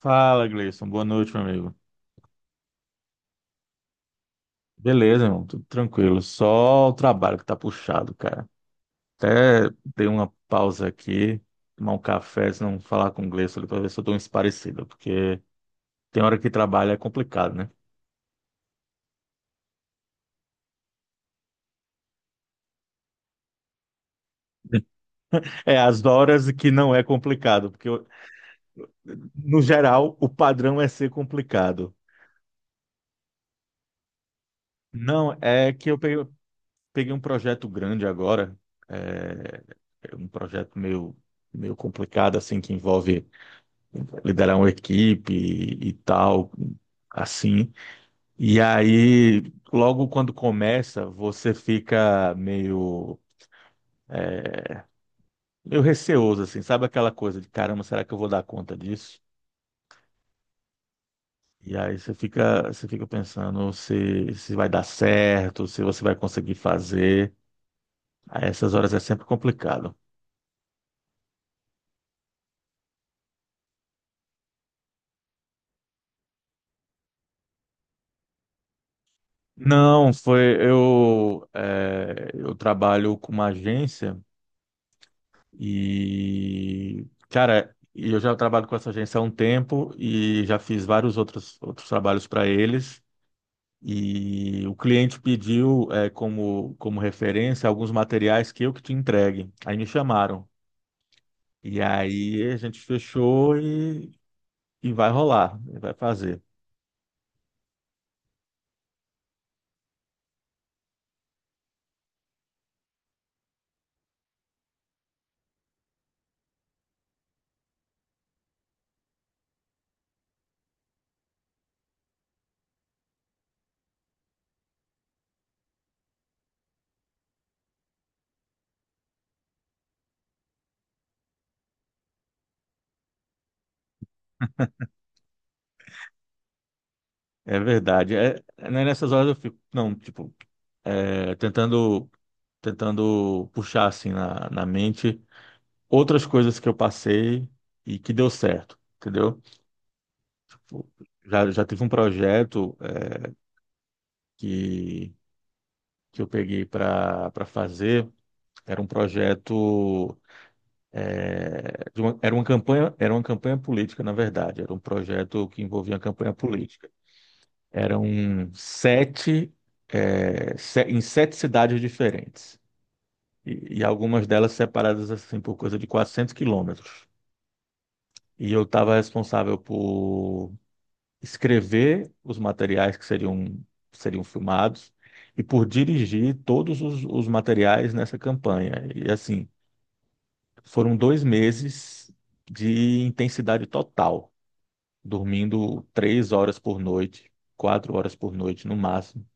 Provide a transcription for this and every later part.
Fala, Gleison. Boa noite, meu amigo. Beleza, irmão. Tudo tranquilo. Só o trabalho que tá puxado, cara. Até dei uma pausa aqui, tomar um café, se não falar com o Gleison ali pra ver se eu dou uma esparecida, porque tem hora que trabalho é complicado, né? É, as horas que não é complicado, no geral o padrão é ser complicado. Não, peguei um projeto grande agora, é, um projeto meio complicado, assim, que envolve. Liderar uma equipe e tal, assim. E aí, logo quando começa, você meio receoso, assim, sabe aquela coisa de caramba, será que eu vou dar conta disso? E aí você fica pensando se vai dar certo, se você vai conseguir fazer. A essas horas é sempre complicado. Não, foi eu, eu trabalho com uma agência e, cara, e eu já trabalho com essa agência há um tempo e já fiz vários outros trabalhos para eles. E o cliente pediu, como referência alguns materiais que eu que te entregue. Aí me chamaram. E aí a gente fechou e vai rolar, vai fazer. É verdade. É, né, nessas horas eu fico, não, tipo, eh, tentando, tentando puxar assim na mente outras coisas que eu passei e que deu certo, entendeu? Tipo, já tive um projeto que, que eu peguei para fazer. Era um projeto, era uma campanha política, na verdade. Era um projeto que envolvia uma campanha política. Eram 7, em 7 cidades diferentes. E algumas delas separadas assim por coisa de 400 quilômetros. E eu estava responsável por escrever os materiais seriam filmados e por dirigir todos os materiais nessa campanha. E assim, foram 2 meses de intensidade total, dormindo 3 horas por noite, 4 horas por noite no máximo,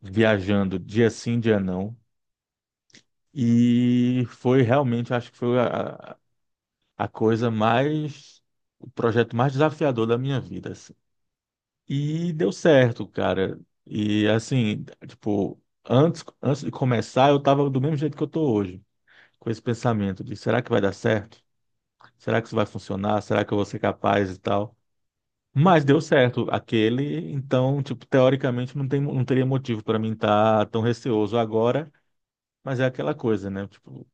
viajando dia sim, dia não. E foi realmente, acho que foi a coisa mais, o projeto mais desafiador da minha vida. E deu certo, cara. E assim, tipo, antes de começar, eu tava do mesmo jeito que eu tô hoje, com esse pensamento de será que vai dar certo? Será que isso vai funcionar? Será que eu vou ser capaz e tal? Mas deu certo aquele, então, tipo, teoricamente não tem, não teria motivo para mim estar tão receoso agora, mas é aquela coisa, né? Tipo,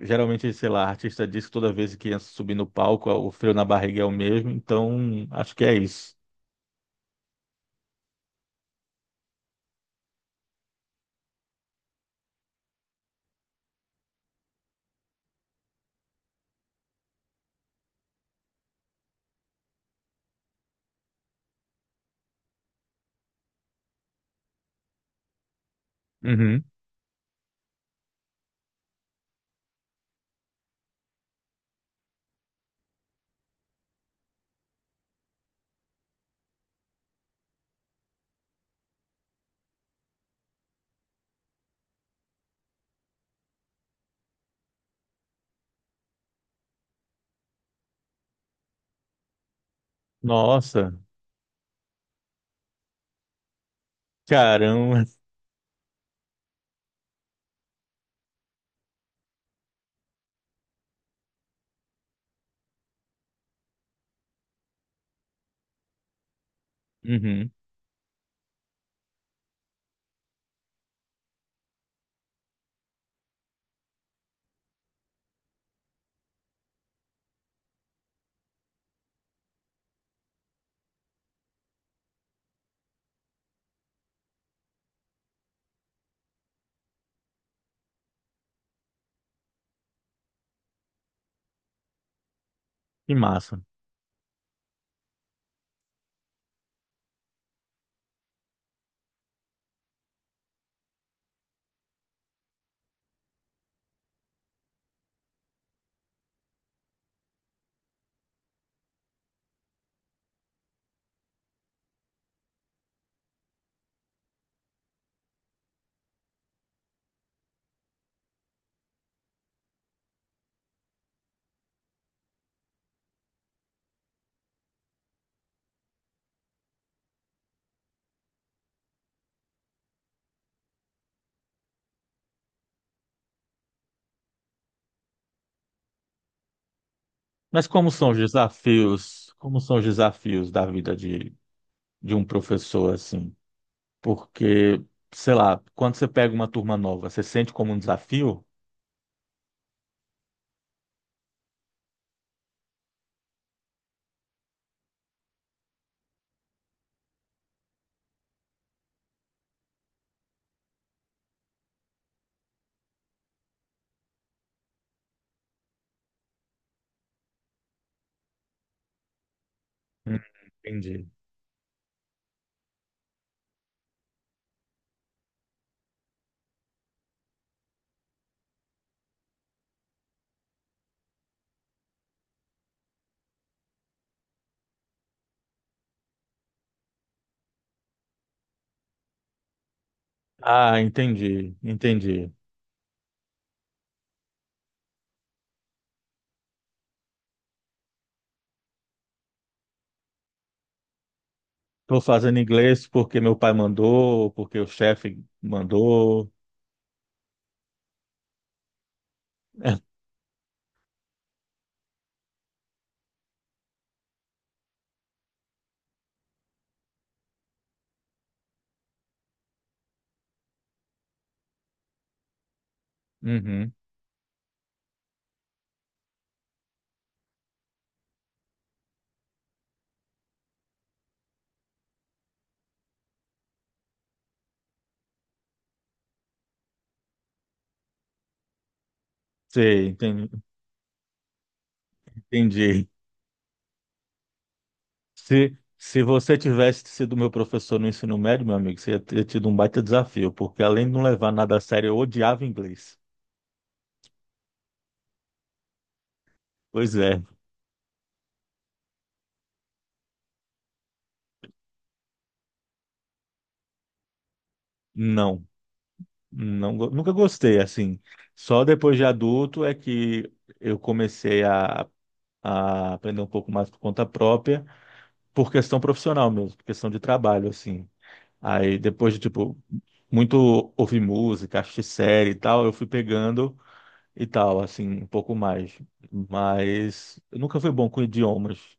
geralmente, sei lá, artista diz que toda vez que ia subir no palco, o frio na barriga é o mesmo, então acho que é isso. Uhum. Nossa, caramba. Uhum. Que massa. Mas como são os desafios, como são os desafios da vida de um professor, assim? Porque, sei lá, quando você pega uma turma nova, você sente como um desafio? Hum, entendi. Ah, entendi, entendi. Estou fazendo inglês porque meu pai mandou, porque o chefe mandou. Uhum. Sei, entendi. Entendi. Se você tivesse sido meu professor no ensino médio, meu amigo, você ia ter tido um baita desafio, porque além de não levar nada a sério, eu odiava inglês. Pois é, não, nunca gostei, assim. Só depois de adulto é que eu comecei a aprender um pouco mais por conta própria, por questão profissional mesmo, por questão de trabalho, assim. Aí depois de, tipo, muito ouvir música, assistir série e tal, eu fui pegando. E tal, assim, um pouco mais. Mas eu nunca fui bom com idiomas.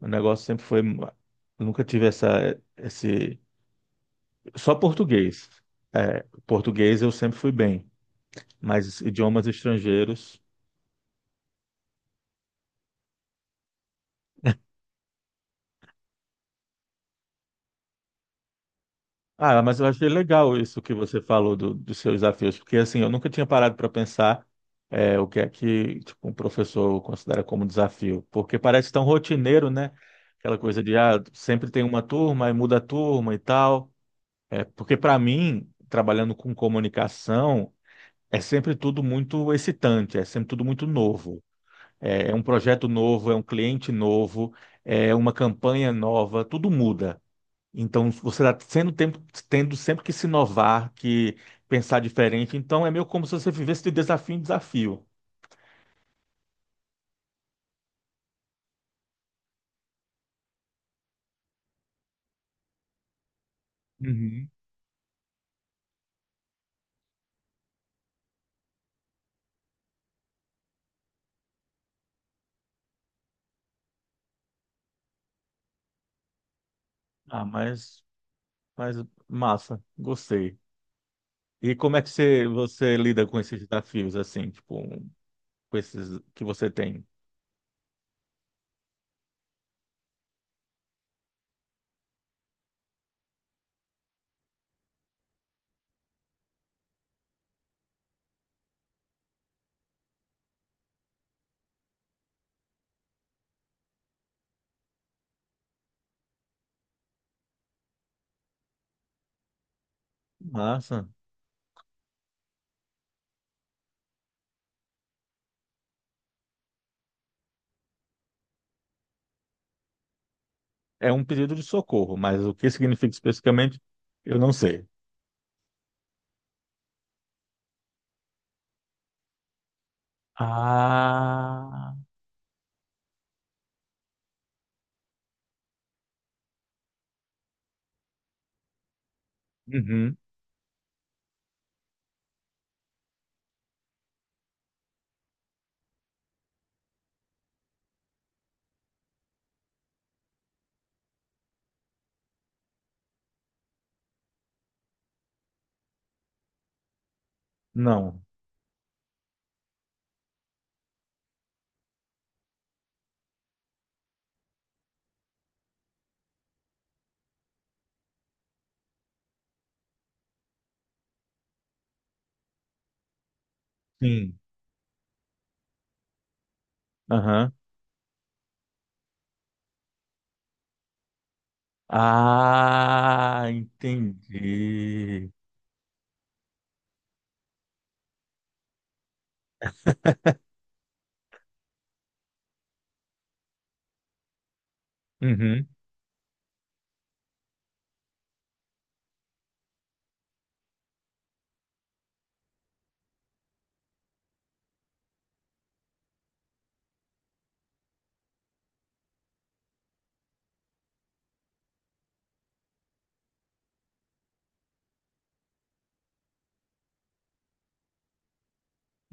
O negócio sempre foi. Eu Nunca tive esse. Só português. É, português eu sempre fui bem, mas idiomas estrangeiros. Ah, mas eu achei legal isso que você falou dos seus desafios, porque assim, eu nunca tinha parado para pensar é, o que é que tipo, um professor considera como desafio, porque parece tão rotineiro, né? Aquela coisa de ah, sempre tem uma turma e muda a turma e tal. É, porque para mim, trabalhando com comunicação, é sempre tudo muito excitante, é sempre tudo muito novo. É, é um projeto novo, é um cliente novo, é uma campanha nova, tudo muda. Então, você está sendo tempo, tendo sempre que se inovar, que pensar diferente. Então, é meio como se você vivesse de desafio em desafio. Uhum. Ah, mas massa, gostei. E como é que você lida com esses desafios, assim, tipo, com esses que você tem? Massa. É um pedido de socorro, mas o que significa especificamente, eu não sei. Ah, uhum. Não. Sim. Aham. Ah, entendi. Uhum.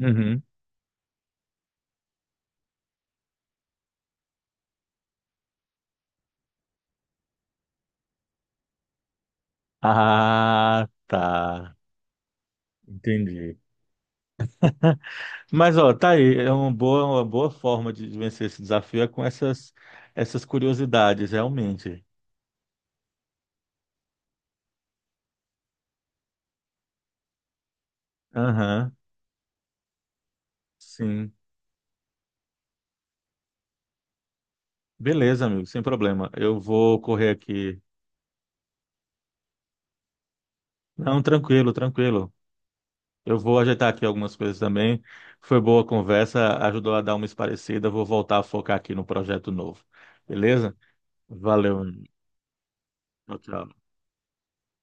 Uhum. Ah, tá. Entendi. Mas, ó, tá aí. É uma boa forma de vencer esse desafio é com essas, essas curiosidades, realmente. Aham. Sim. Beleza, amigo, sem problema. Eu vou correr aqui. Não, tranquilo, tranquilo. Eu vou ajeitar aqui algumas coisas também. Foi boa a conversa, ajudou a dar uma esparecida. Vou voltar a focar aqui no projeto novo. Beleza? Valeu. Tchau, tchau.